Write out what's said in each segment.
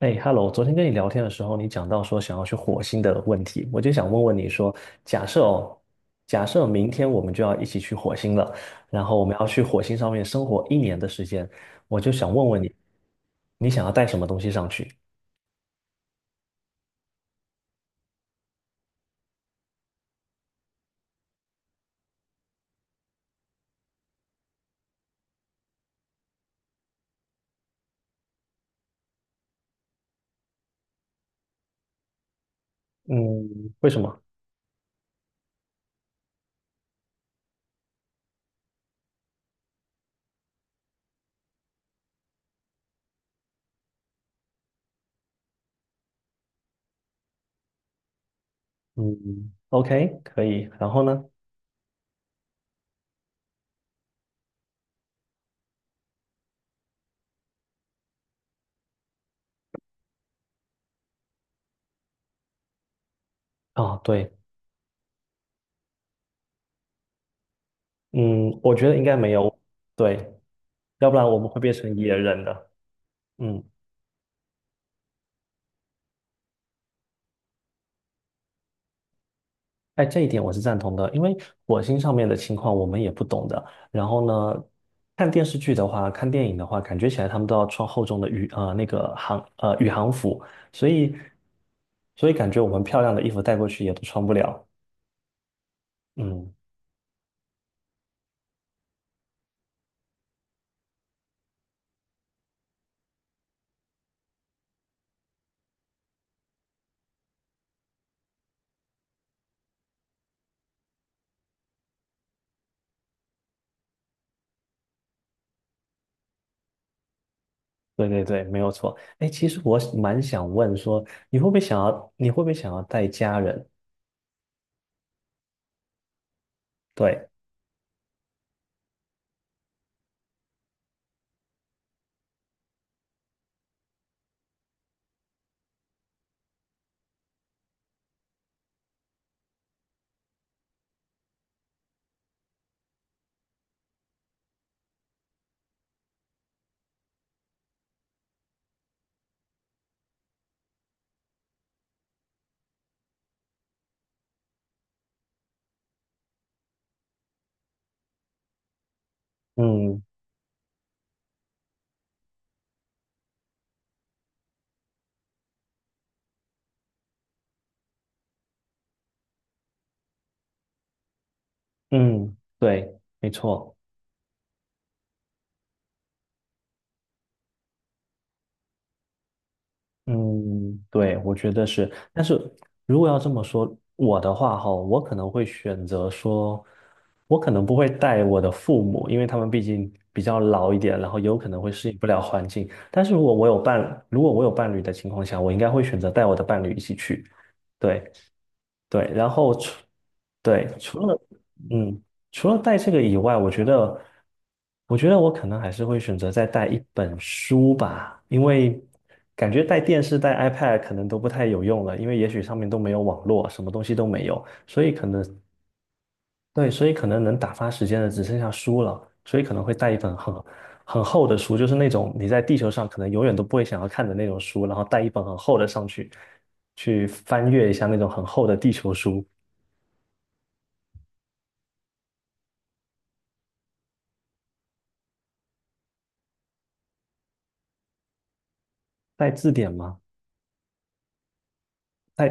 哎，Hello，昨天跟你聊天的时候，你讲到说想要去火星的问题，我就想问你说，假设哦，假设明天我们就要一起去火星了，然后我们要去火星上面生活一年的时间，我就想问你，你想要带什么东西上去？嗯，为什么？嗯，OK，可以。然后呢？啊，对，嗯，我觉得应该没有，对，要不然我们会变成野人的。嗯。哎，这一点我是赞同的，因为火星上面的情况我们也不懂的。然后呢，看电视剧的话，看电影的话，感觉起来他们都要穿厚重的那个宇航服，所以所以感觉我们漂亮的衣服带过去也都穿不了。嗯，对对对，没有错。哎，其实我蛮想问说，你会不会想要带家人？对，嗯嗯，对，没错。嗯，对，我觉得是。但是如果要这么说，我的话哈，我可能会选择说，我可能不会带我的父母，因为他们毕竟比较老一点，然后有可能会适应不了环境。但是如果我有伴，如果我有伴侣的情况下，我应该会选择带我的伴侣一起去。对，对，然后除对除了嗯除了带这个以外，我觉得我可能还是会选择再带一本书吧，因为感觉带电视、带 iPad 可能都不太有用了，因为也许上面都没有网络，什么东西都没有，所以可能对，所以可能能打发时间的只剩下书了，所以可能会带一本很厚的书，就是那种你在地球上可能永远都不会想要看的那种书，然后带一本很厚的上去，去翻阅一下那种很厚的地球书。带字典吗？带，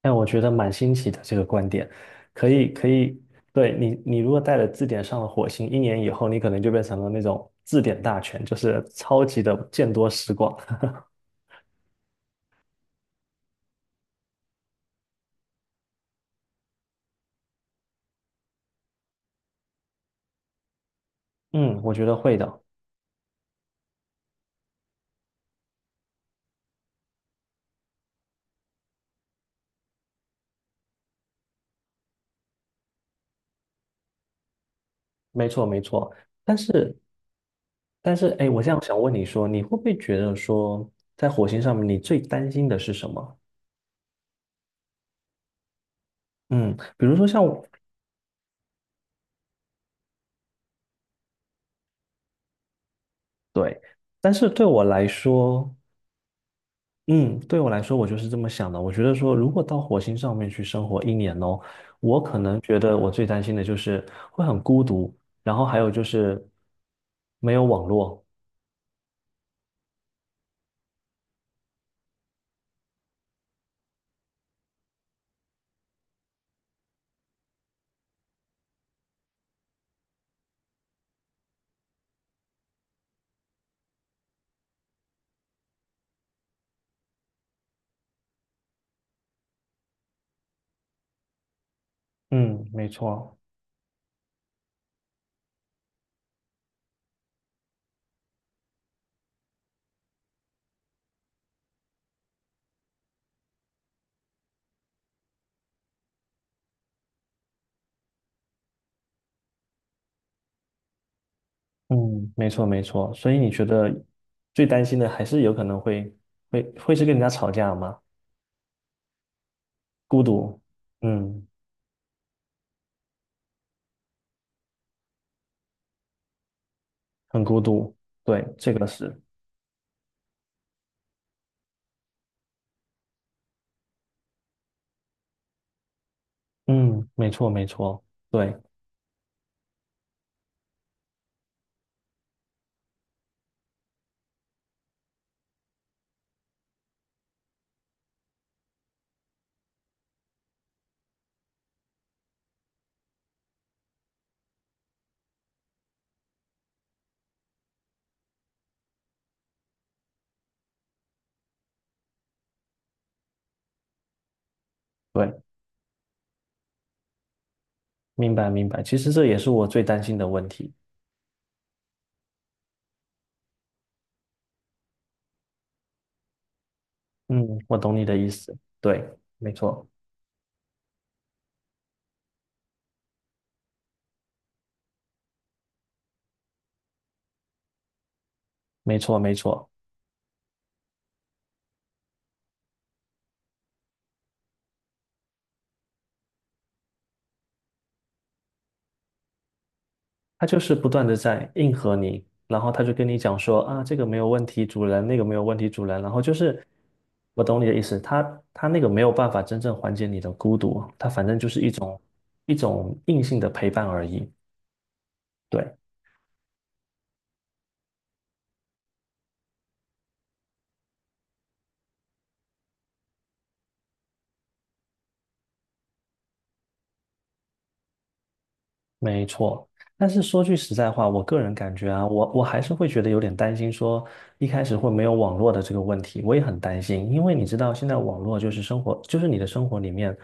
但我觉得蛮新奇的这个观点，可以可以，对，你如果带了字典上了火星，一年以后你可能就变成了那种字典大全，就是超级的见多识广。嗯，我觉得会的，没错没错。但是但是，哎，我这样想问你说，你会不会觉得说，在火星上面你最担心的是什么？嗯，比如说像我，对，但是对我来说。嗯，对我来说，我就是这么想的。我觉得说，如果到火星上面去生活一年哦，我可能觉得我最担心的就是会很孤独，然后还有就是没有网络。嗯，没错，嗯，没错，没错。所以你觉得最担心的还是有可能会是跟人家吵架吗？孤独，嗯，很孤独。对，这个是，嗯，没错，没错，对对，明白明白。其实这也是我最担心的问题。嗯，我懂你的意思，对，没错，没错，没错，他就是不断的在迎合你，然后他就跟你讲说啊，这个没有问题，主人，那个没有问题，主人，然后就是我懂你的意思，他那个没有办法真正缓解你的孤独，他反正就是一种一种硬性的陪伴而已，对，没错，但是说句实在话，我个人感觉啊，我还是会觉得有点担心，说一开始会没有网络的这个问题，我也很担心，因为你知道现在网络就是生活，就是你的生活里面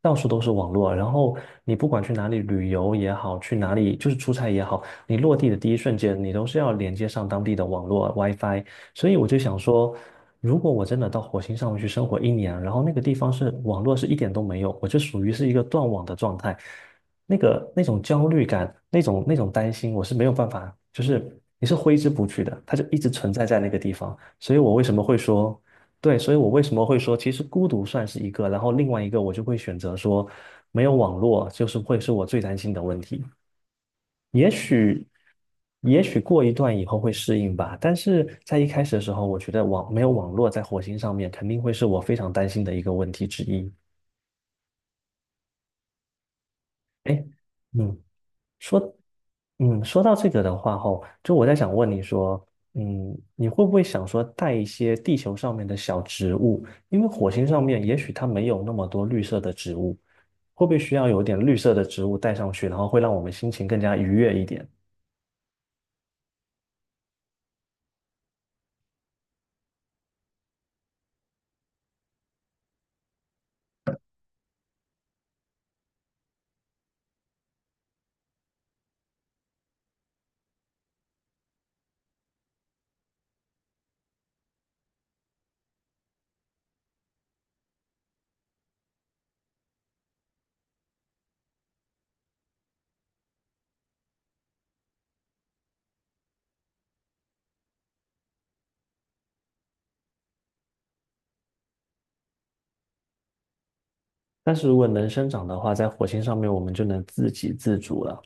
到处都是网络，然后你不管去哪里旅游也好，去哪里就是出差也好，你落地的第一瞬间，你都是要连接上当地的网络 WiFi，所以我就想说，如果我真的到火星上面去生活一年，然后那个地方是网络是一点都没有，我就属于是一个断网的状态。那个那种焦虑感，那种那种担心，我是没有办法，就是你是挥之不去的，它就一直存在在那个地方。所以我为什么会说，对，所以我为什么会说，其实孤独算是一个，然后另外一个我就会选择说，没有网络就是会是我最担心的问题。也许，也许过一段以后会适应吧，但是在一开始的时候，我觉得网没有网络在火星上面肯定会是我非常担心的一个问题之一。哎，嗯，说。嗯，说到这个的话，吼，就我在想问你说，嗯，你会不会想说带一些地球上面的小植物？因为火星上面也许它没有那么多绿色的植物，会不会需要有点绿色的植物带上去，然后会让我们心情更加愉悦一点？但是如果能生长的话，在火星上面我们就能自给自足了。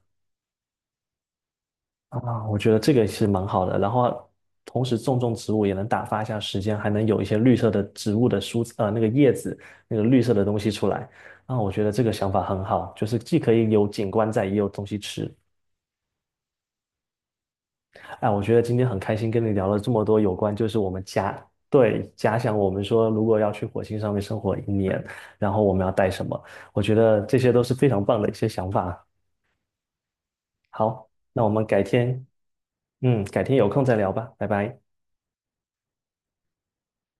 啊，我觉得这个是蛮好的。然后同时种种植物也能打发一下时间，还能有一些绿色的植物的那个叶子，那个绿色的东西出来。啊，我觉得这个想法很好，就是既可以有景观在，也有东西吃。哎，我觉得今天很开心跟你聊了这么多有关，就是我们家，对，假想我们说如果要去火星上面生活一年，然后我们要带什么？我觉得这些都是非常棒的一些想法。好，那我们改天，嗯，改天有空再聊吧，拜拜。